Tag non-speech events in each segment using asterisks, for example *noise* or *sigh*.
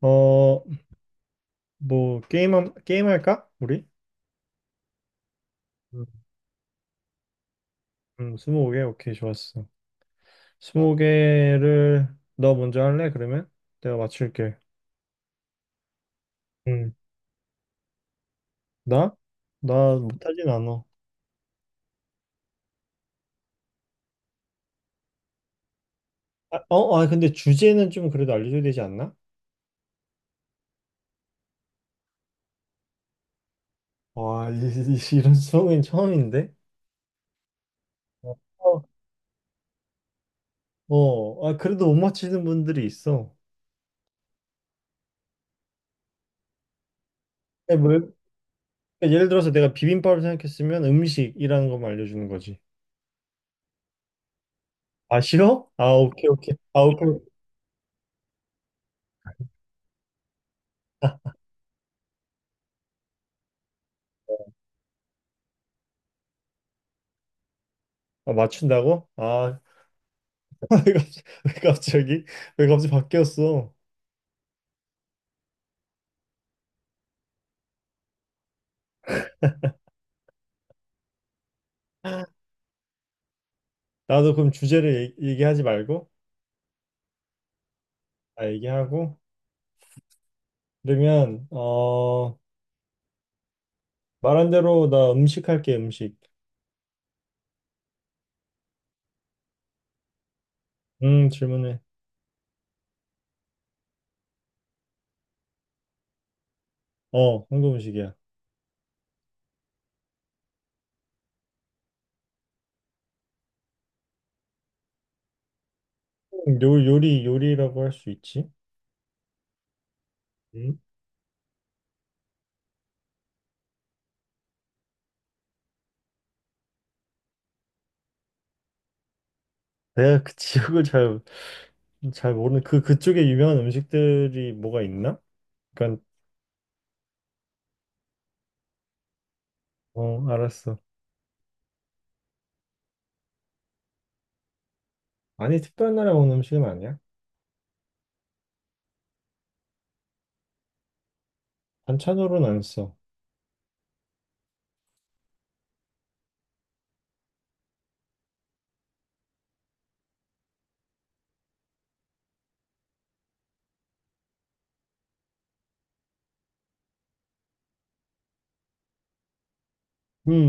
어, 뭐, 게임, 게임 할까? 우리? 음. 20개? 오케이, 좋았어. 20개를, 너 먼저 할래, 그러면? 내가 맞출게. 음. 나? 나 못하진 않아. 아, 어, 아, 근데 주제는 좀 그래도 알려줘야 되지 않나? 와, 이런 수업은 처음인데? 어, 어, 아, 그래도 못 맞히는 분들이 있어. 아니, 뭐, 그러니까 예를 들어서 내가 비빔밥을 생각했으면 음식이라는 것만 알려주는 거지. 아, 싫어? 아, 오케이, 오케이. 아, 오케이. 아, 맞춘다고? 아, *laughs* 왜 갑자기 왜 갑자기 왜 갑자기 바뀌었어? 나도 그럼 주제를 얘기하지 말고, 아 얘기하고. 그러면, 어, 말한 대로 나 음식 할게. 음식. 음, 질문해. 어, 한국 음식이야. 요 요리 요리라고 할 수 있지. 음? 내가 그 *laughs* 지역을 잘 모르는, 그 그쪽에 유명한 음식들이 뭐가 있나? 그러니까. 어, 알았어. 아니, 특별한 나라 온 음식은 아니야. 반찬으로는 안써음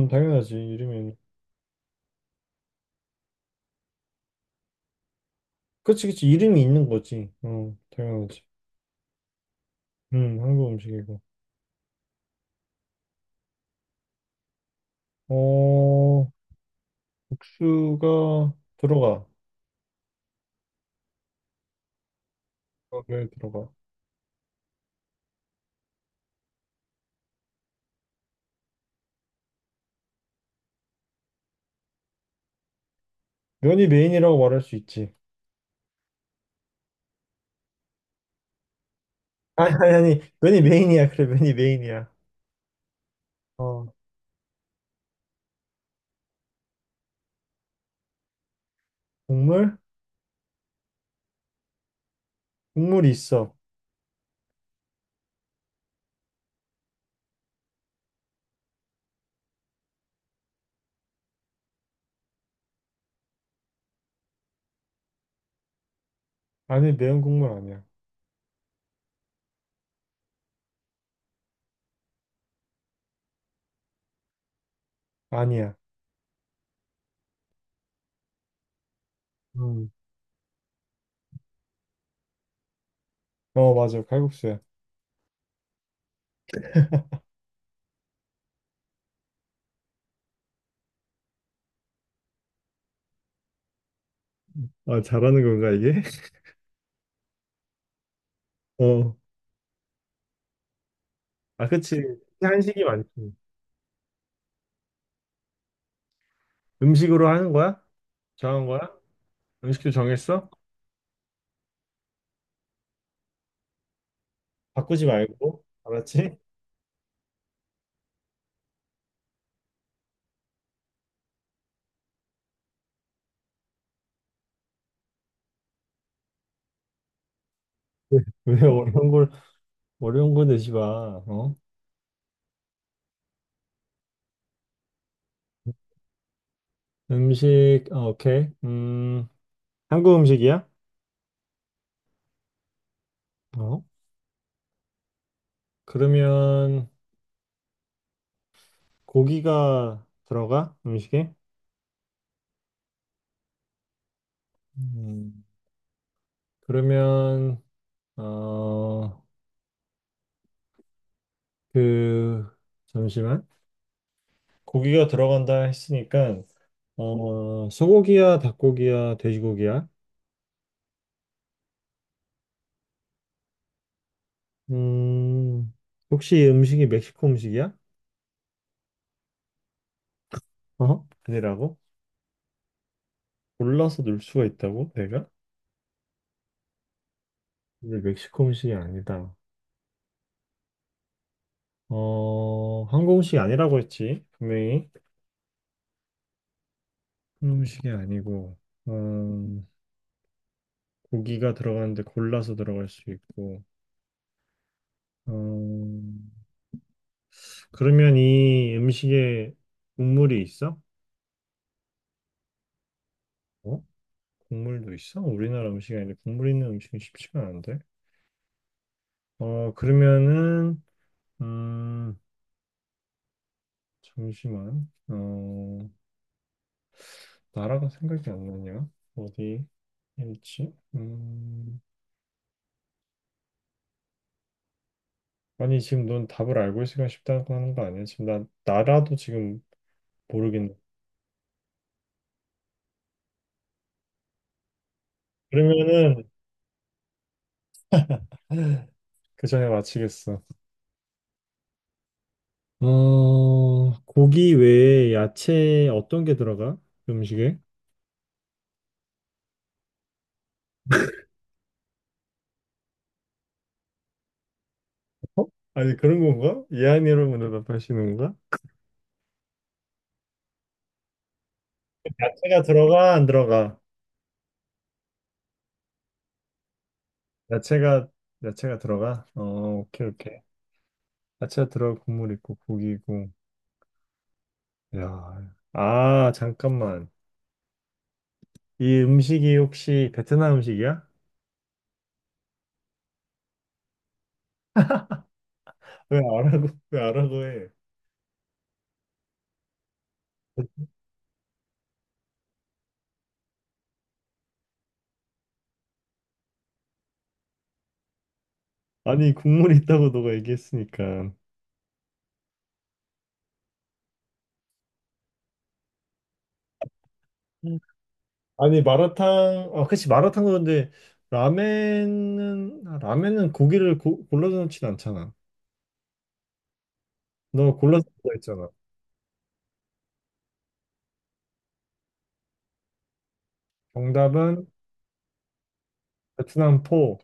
당연하지, 이름이. 그치, 그치. 이름이 있는 거지. 어, 당연하지. 한국 음식이고. 어, 국수가 들어가. 어, 면 들어가. 면이 메인이라고 말할 수 있지. 아, 아니, 아니, 아니. 면이 메인이야. 그래, 면이 메인이야. 어, 국물? 국물이 있어. 아니, 매운 국물 아니야. 아니야. 음. 어, 맞아. 칼국수야. 아, 잘하는 건가, 이게? *laughs* 어. 아, 그치. 한식이 많지. 음식으로 하는 거야? 정한 거야? 음식도 정했어? 바꾸지 말고. 알았지? 왜, 왜 어려운 걸, 어려운 거 내지 마. 어? 음식, 아, 오케이. 한국 음식이야? 어? 그러면 고기가 들어가? 음식에? 음, 그러면, 어, 그, 잠시만. 고기가 들어간다 했으니까, 어, 소고기야, 닭고기야, 돼지고기야? 음, 혹시 음식이 멕시코 음식이야? 어? 아니라고? 골라서 넣을 수가 있다고? 내가? 근데 멕시코 음식이 아니다. 어, 한국 음식이 아니라고 했지, 분명히. 한국 음식이 아니고, 어, 고기가 들어가는데 골라서 들어갈 수 있고, 어, 그러면 이 음식에 국물이 있어? 어? 국물도 있어? 우리나라 음식이 아닌데 국물 있는 음식은 쉽지가 않은데. 어, 그러면은, 음, 잠시만, 어, 나라가 생각이 안 나냐? 어디? 일치? 아니 지금 넌 답을 알고 있으니까 쉽다고 하는 거 아니야? 지금 나, 나라도 지금 모르겠네. 그러면은 그 전에 마치겠어. 어, 고기 외에 야채 어떤 게 들어가? 음식에? 어? 아니 그런 건가? 예안이로 문답하시는 건가? 야채가 들어가 안 들어가? 야채가 야채가 들어가? 어, 오케이 오케이. 야채가 들어가, 국물 있고, 고기고. 야. 아 잠깐만. 이 음식이 혹시 베트남 음식이야? 왜 알아고 해? 아니 국물이 있다고 너가 얘기했으니까. 음. 아니 마라탕, 아 그치 마라탕. 그런데 라멘은, 아, 라멘은 고기를 골라서 넣진 않잖아. 너 골라서 넣어 있잖아. 정답은 베트남 포.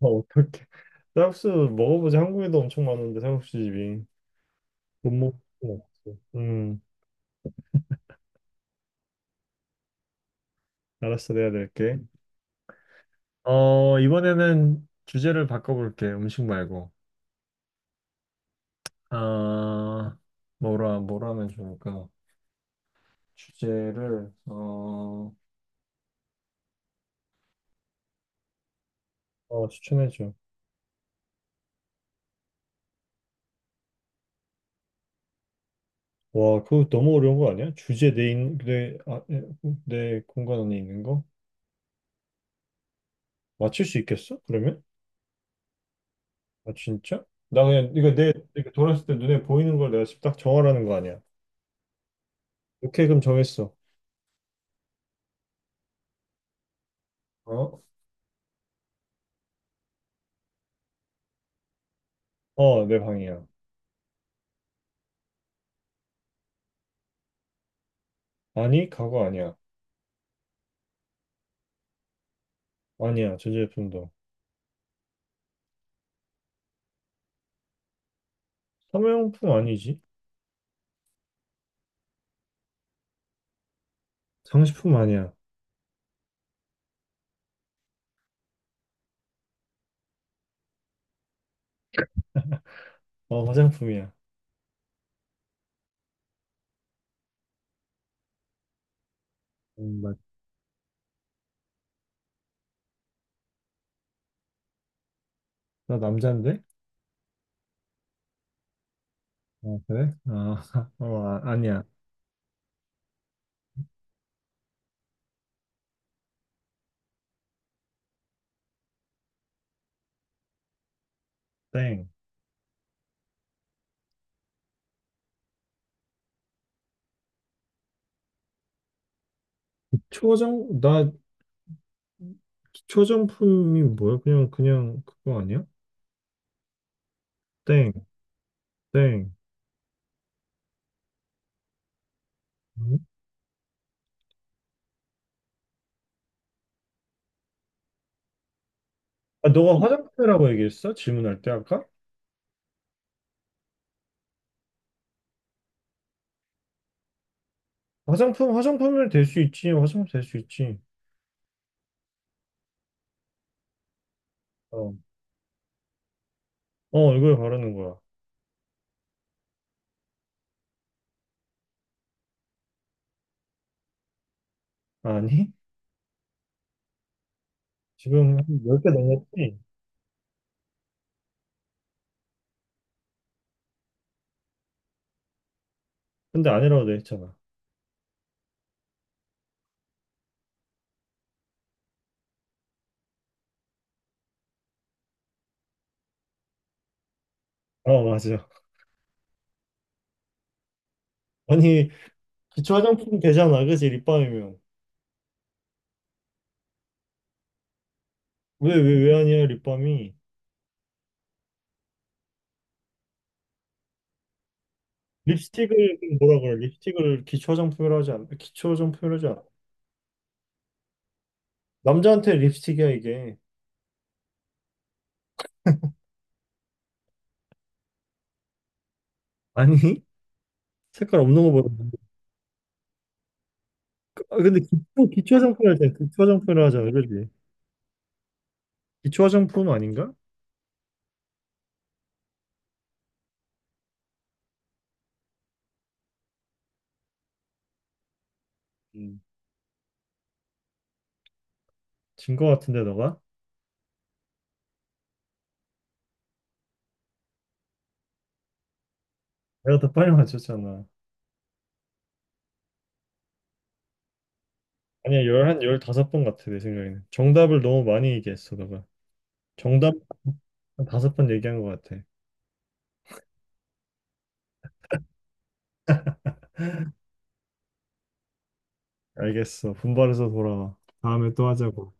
아, 어떡해. 쌀국수 먹어보지, 한국에도 엄청 많은데 쌀국수 집이, 못 먹을 수는 없음. 알았어, 내가 낼게. 어, 이번에는 주제를 바꿔볼게. 음식 말고. 아, 뭐라 하면 좋을까? 주제를, 어. 어, 추천해줘. 와, 그거 너무 어려운 거 아니야? 주제 내, 인, 내, 아, 내 내 공간 안에 있는 거? 맞출 수 있겠어? 그러면? 아, 진짜? 나 그냥, 이거 내, 이렇게 돌았을 때 눈에 보이는 걸 내가 지금 딱 정하라는 거 아니야? 오케이, 그럼 정했어. 어? 어, 내 방이야. 아니, 가구 아니야. 아니야, 전자제품도. 사무용품 아니지? 장식품 아니야. 어, 화장품이야. 나, 나 남잔데? 어, 그래? 아, *laughs* 어, 아, 아니야. 땡. 초정? 나, 기초정품이 뭐야? 그냥 그거 아니야? 땡, 땡. 음? 아, 너가 화장품이라고 얘기했어? 질문할 때 아까? 화장품, 화장품을 될 수 있지. 화장품 될 수 있지. 어, 어, 이걸 바르는 거야. 아니? 지금 한 10개 넘었지? 근데 아니라고 돼 있잖아. 어, 맞아. 아니, 기초 화장품 되잖아. 그지? 립밤이면. 왜 아니야, 립밤이? 립스틱을 뭐라 그래? 립스틱을 기초 화장품이라고 하지 않아. 남자한테 립스틱이야, 이게. 아니? 색깔 없는 거보다. 아, 근데 기초 화장품 할 때, 기초 화장품을 하자, 그러지. 기초 화장품 아닌가? 음. 진거 같은데, 너가? 내가 더 빨리 맞췄잖아. 아니야, 한 15번 같아, 내 생각에는. 정답을 너무 많이 얘기했어, 너가. 정답 한 5번 얘기한 것 같아. 알겠어. 분발해서 돌아와. 다음에 또 하자고.